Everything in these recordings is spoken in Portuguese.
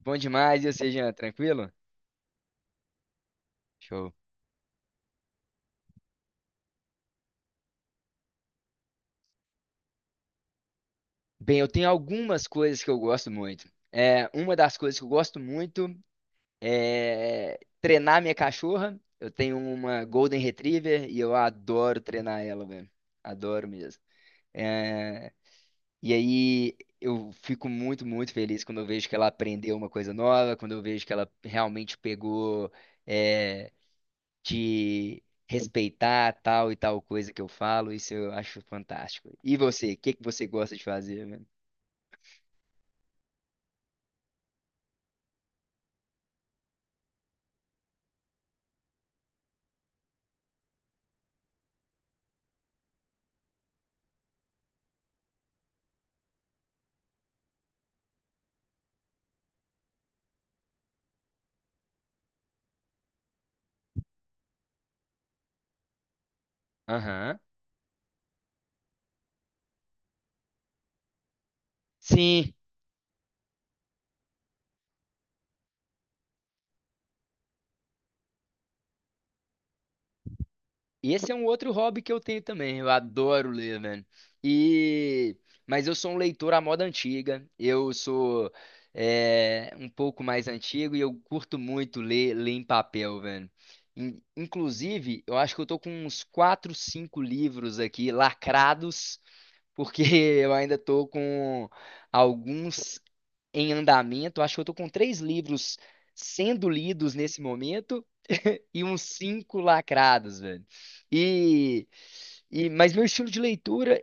Bom demais, e você, Jean? Tranquilo? Show. Bem, eu tenho algumas coisas que eu gosto muito. Uma das coisas que eu gosto muito é treinar minha cachorra. Eu tenho uma Golden Retriever e eu adoro treinar ela, velho. Adoro mesmo. É, e aí eu fico muito, muito feliz quando eu vejo que ela aprendeu uma coisa nova, quando eu vejo que ela realmente pegou. é, de respeitar tal e tal coisa que eu falo, isso eu acho fantástico. E você, o que que você gosta de fazer, velho? Aham. Sim, esse é um outro hobby que eu tenho também. Eu adoro ler, velho. E mas eu sou um leitor à moda antiga. Um pouco mais antigo e eu curto muito ler, ler em papel, velho. Inclusive, eu acho que eu tô com uns quatro, cinco livros aqui lacrados porque eu ainda estou com alguns em andamento. Acho que eu estou com três livros sendo lidos nesse momento e uns cinco lacrados, velho. E, e mas meu estilo de leitura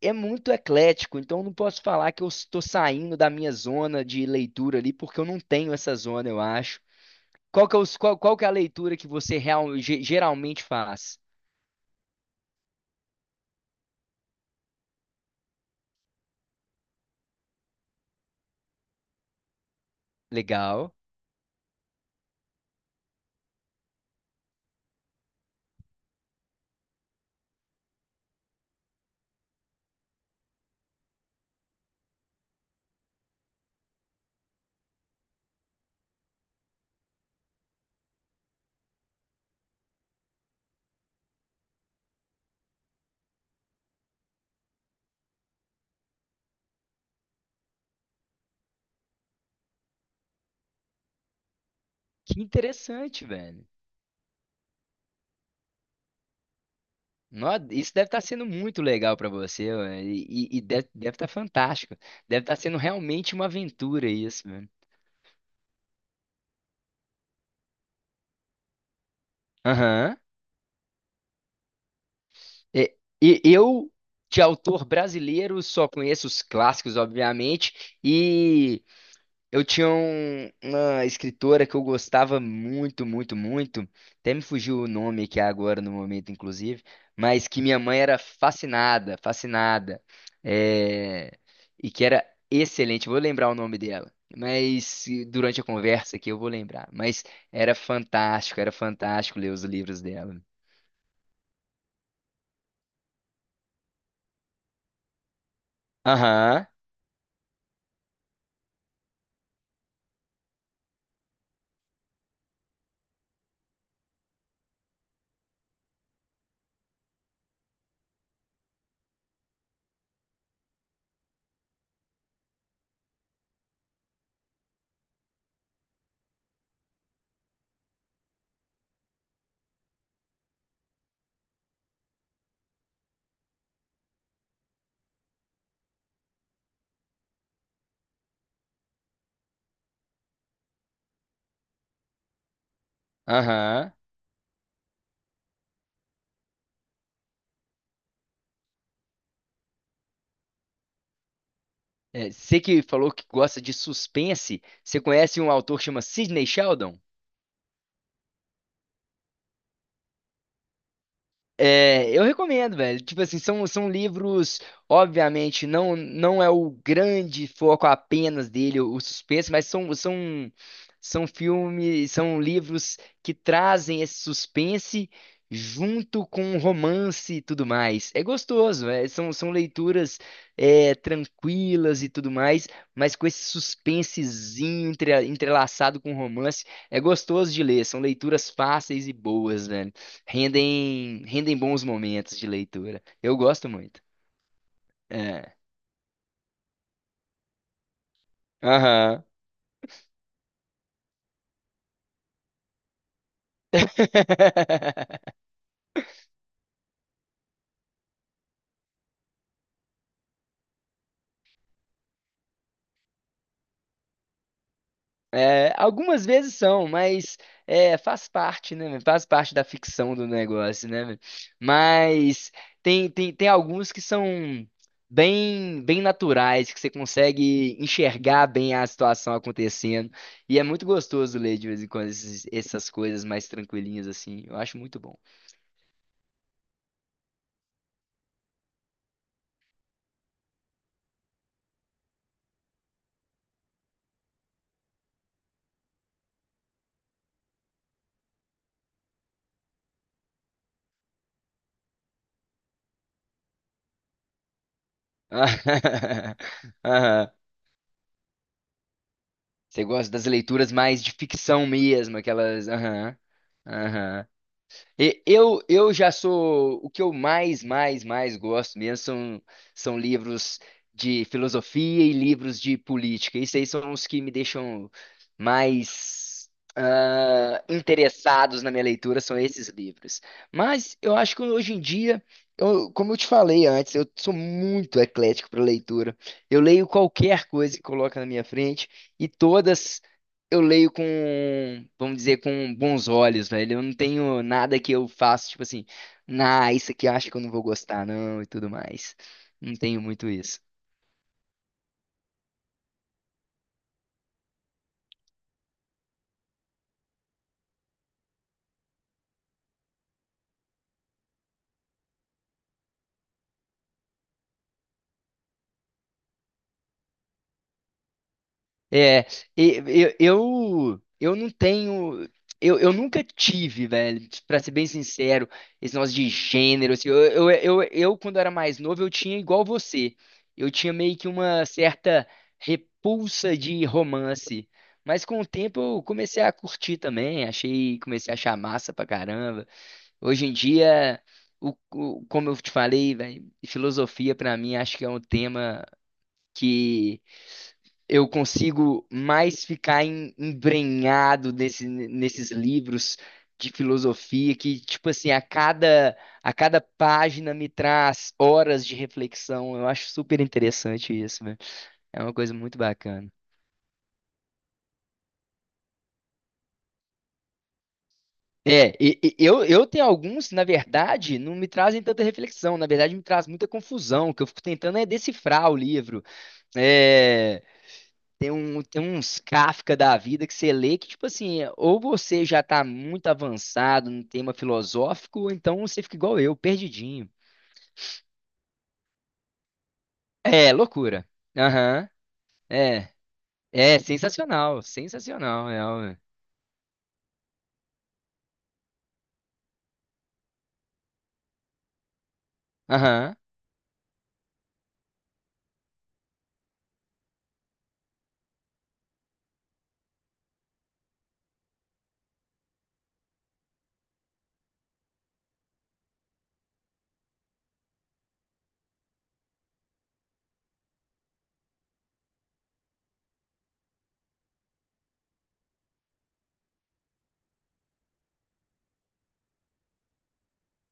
é muito eclético, então eu não posso falar que eu estou saindo da minha zona de leitura ali, porque eu não tenho essa zona, eu acho. Qual que é a leitura que você geralmente faz? Legal. Que interessante, velho. Isso deve estar sendo muito legal para você, mano. E- e deve, Estar fantástico. Deve estar sendo realmente uma aventura isso, mano. Aham. E, e eu, de autor brasileiro, só conheço os clássicos, obviamente, e eu tinha uma escritora que eu gostava muito, muito, muito. Até me fugiu o nome aqui agora no momento, inclusive, mas que minha mãe era fascinada, fascinada. é, e que era excelente. Vou lembrar o nome dela. Mas durante a conversa aqui eu vou lembrar. Mas era fantástico ler os livros dela. Aham, aham. É, você que falou que gosta de suspense, você conhece um autor que chama Sidney Sheldon? É, eu recomendo, velho. Tipo assim, são livros, obviamente, não não é o grande foco apenas dele, o suspense, mas são são filmes, são livros que trazem esse suspense junto com romance e tudo mais. É gostoso, é, são leituras tranquilas e tudo mais, mas com esse suspensezinho entrelaçado com romance, é gostoso de ler. São leituras fáceis e boas. Rendem, rendem bons momentos de leitura. Eu gosto muito. É. Aham. É, algumas vezes são, mas é, faz parte, né, meu? Faz parte da ficção do negócio, né, meu? Mas tem alguns que são bem, bem naturais, que você consegue enxergar bem a situação acontecendo. E é muito gostoso ler de vez em quando essas coisas mais tranquilinhas assim. Eu acho muito bom. Aham. Você gosta das leituras mais de ficção mesmo, aquelas. Aham. Aham. E- eu já sou. O que eu mais gosto mesmo são, são livros de filosofia e livros de política. Isso aí são os que me deixam mais interessados na minha leitura, são esses livros. Mas eu acho que hoje em dia, como eu te falei antes, eu sou muito eclético para leitura. Eu leio qualquer coisa que coloca na minha frente e todas eu leio com, vamos dizer, com bons olhos, velho. Eu não tenho nada que eu faço, tipo assim, nah, isso aqui eu acho que eu não vou gostar, não, e tudo mais. Não tenho muito isso. É, eu não tenho. Eu nunca tive, velho, pra ser bem sincero, esse negócio de gênero. Assim, eu, quando era mais novo, eu tinha igual você. Eu tinha meio que uma certa repulsa de romance. Mas com o tempo eu comecei a curtir também, comecei a achar massa pra caramba. Hoje em dia, como eu te falei, velho, filosofia pra mim acho que é um tema eu consigo mais ficar embrenhado nesses livros de filosofia que, tipo assim, a cada página me traz horas de reflexão. Eu acho super interessante isso, velho. É uma coisa muito bacana. Eu tenho alguns, na verdade, não me trazem tanta reflexão, na verdade me traz muita confusão, que eu fico tentando é decifrar o livro. É, tem, um, tem uns Kafka da vida que você lê que, tipo assim, ou você já tá muito avançado no tema filosófico, ou então você fica igual eu, perdidinho. É, loucura. Aham. É. É, sensacional. Sensacional, é. Ó. Aham.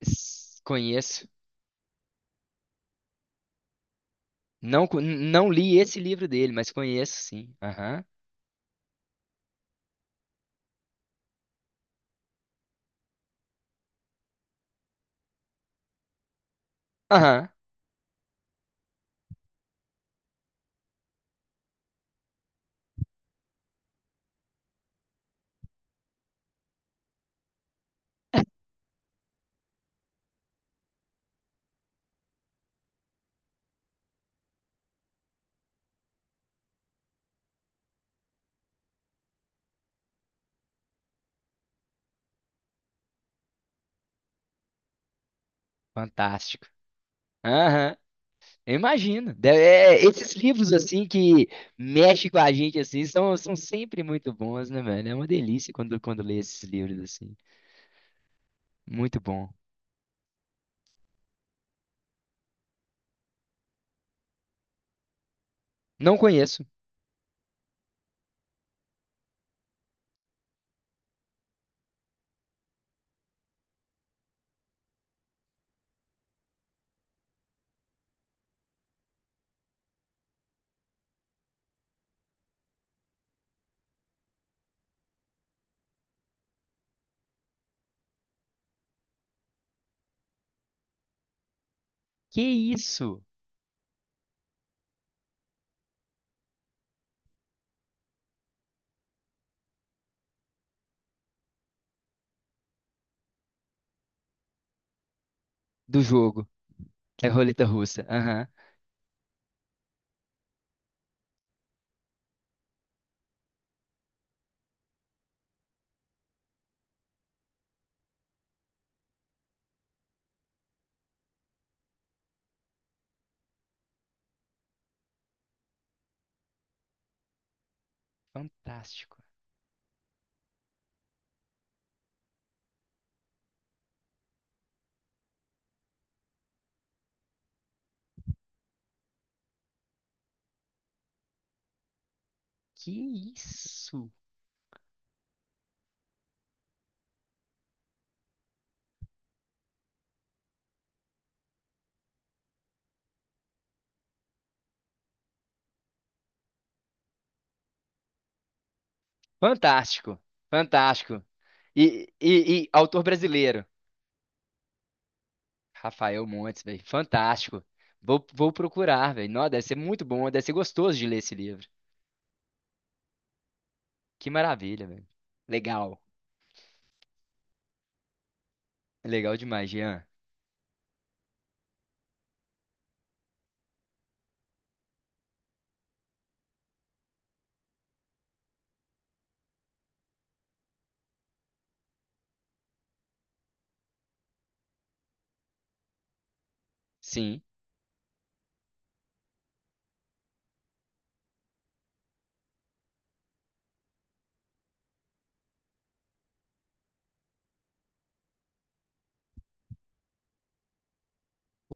Conheço. Não, co- não li esse livro dele, mas conheço sim. Aham. Aham. Fantástico. Aham. Eu imagino. É, esses livros assim que mexem com a gente assim são, são sempre muito bons, né, velho? É uma delícia quando, quando lê esses livros assim. Muito bom. Não conheço. Que isso do jogo? É roleta russa. Aham. Fantástico. Que isso? Fantástico. Fantástico. E autor brasileiro. Rafael Montes, velho. Fantástico. Vou, vou procurar, velho. Nossa, deve ser muito bom, deve ser gostoso de ler esse livro. Que maravilha, velho. Legal. Legal demais, Jean. Sim.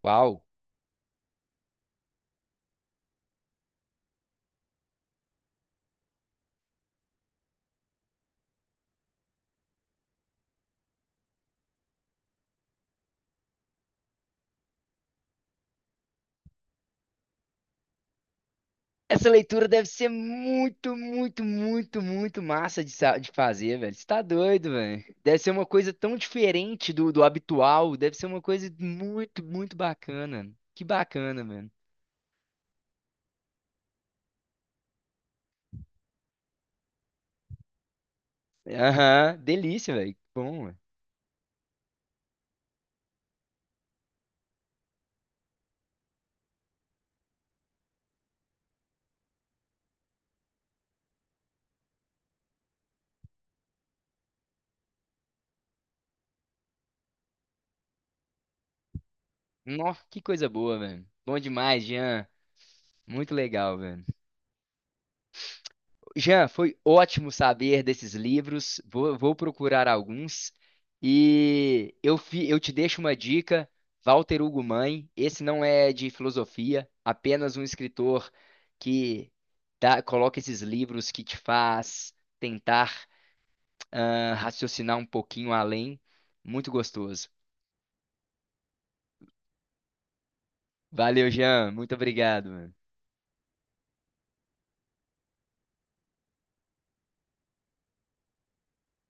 Uau. Essa leitura deve ser muito, muito, muito, muito massa de fazer, velho. Você tá doido, velho. Deve ser uma coisa tão diferente do habitual. Deve ser uma coisa muito, muito bacana. Que bacana, mano. Aham, delícia, velho. Que bom, velho. Nossa, que coisa boa, velho. Bom demais, Jean. Muito legal, velho. Jean, foi ótimo saber desses livros. Vou, vou procurar alguns. E eu, eu te deixo uma dica: Walter Hugo Mãe. Esse não é de filosofia, apenas um escritor que coloca esses livros que te faz tentar raciocinar um pouquinho além. Muito gostoso. Valeu, Jean. Muito obrigado, mano.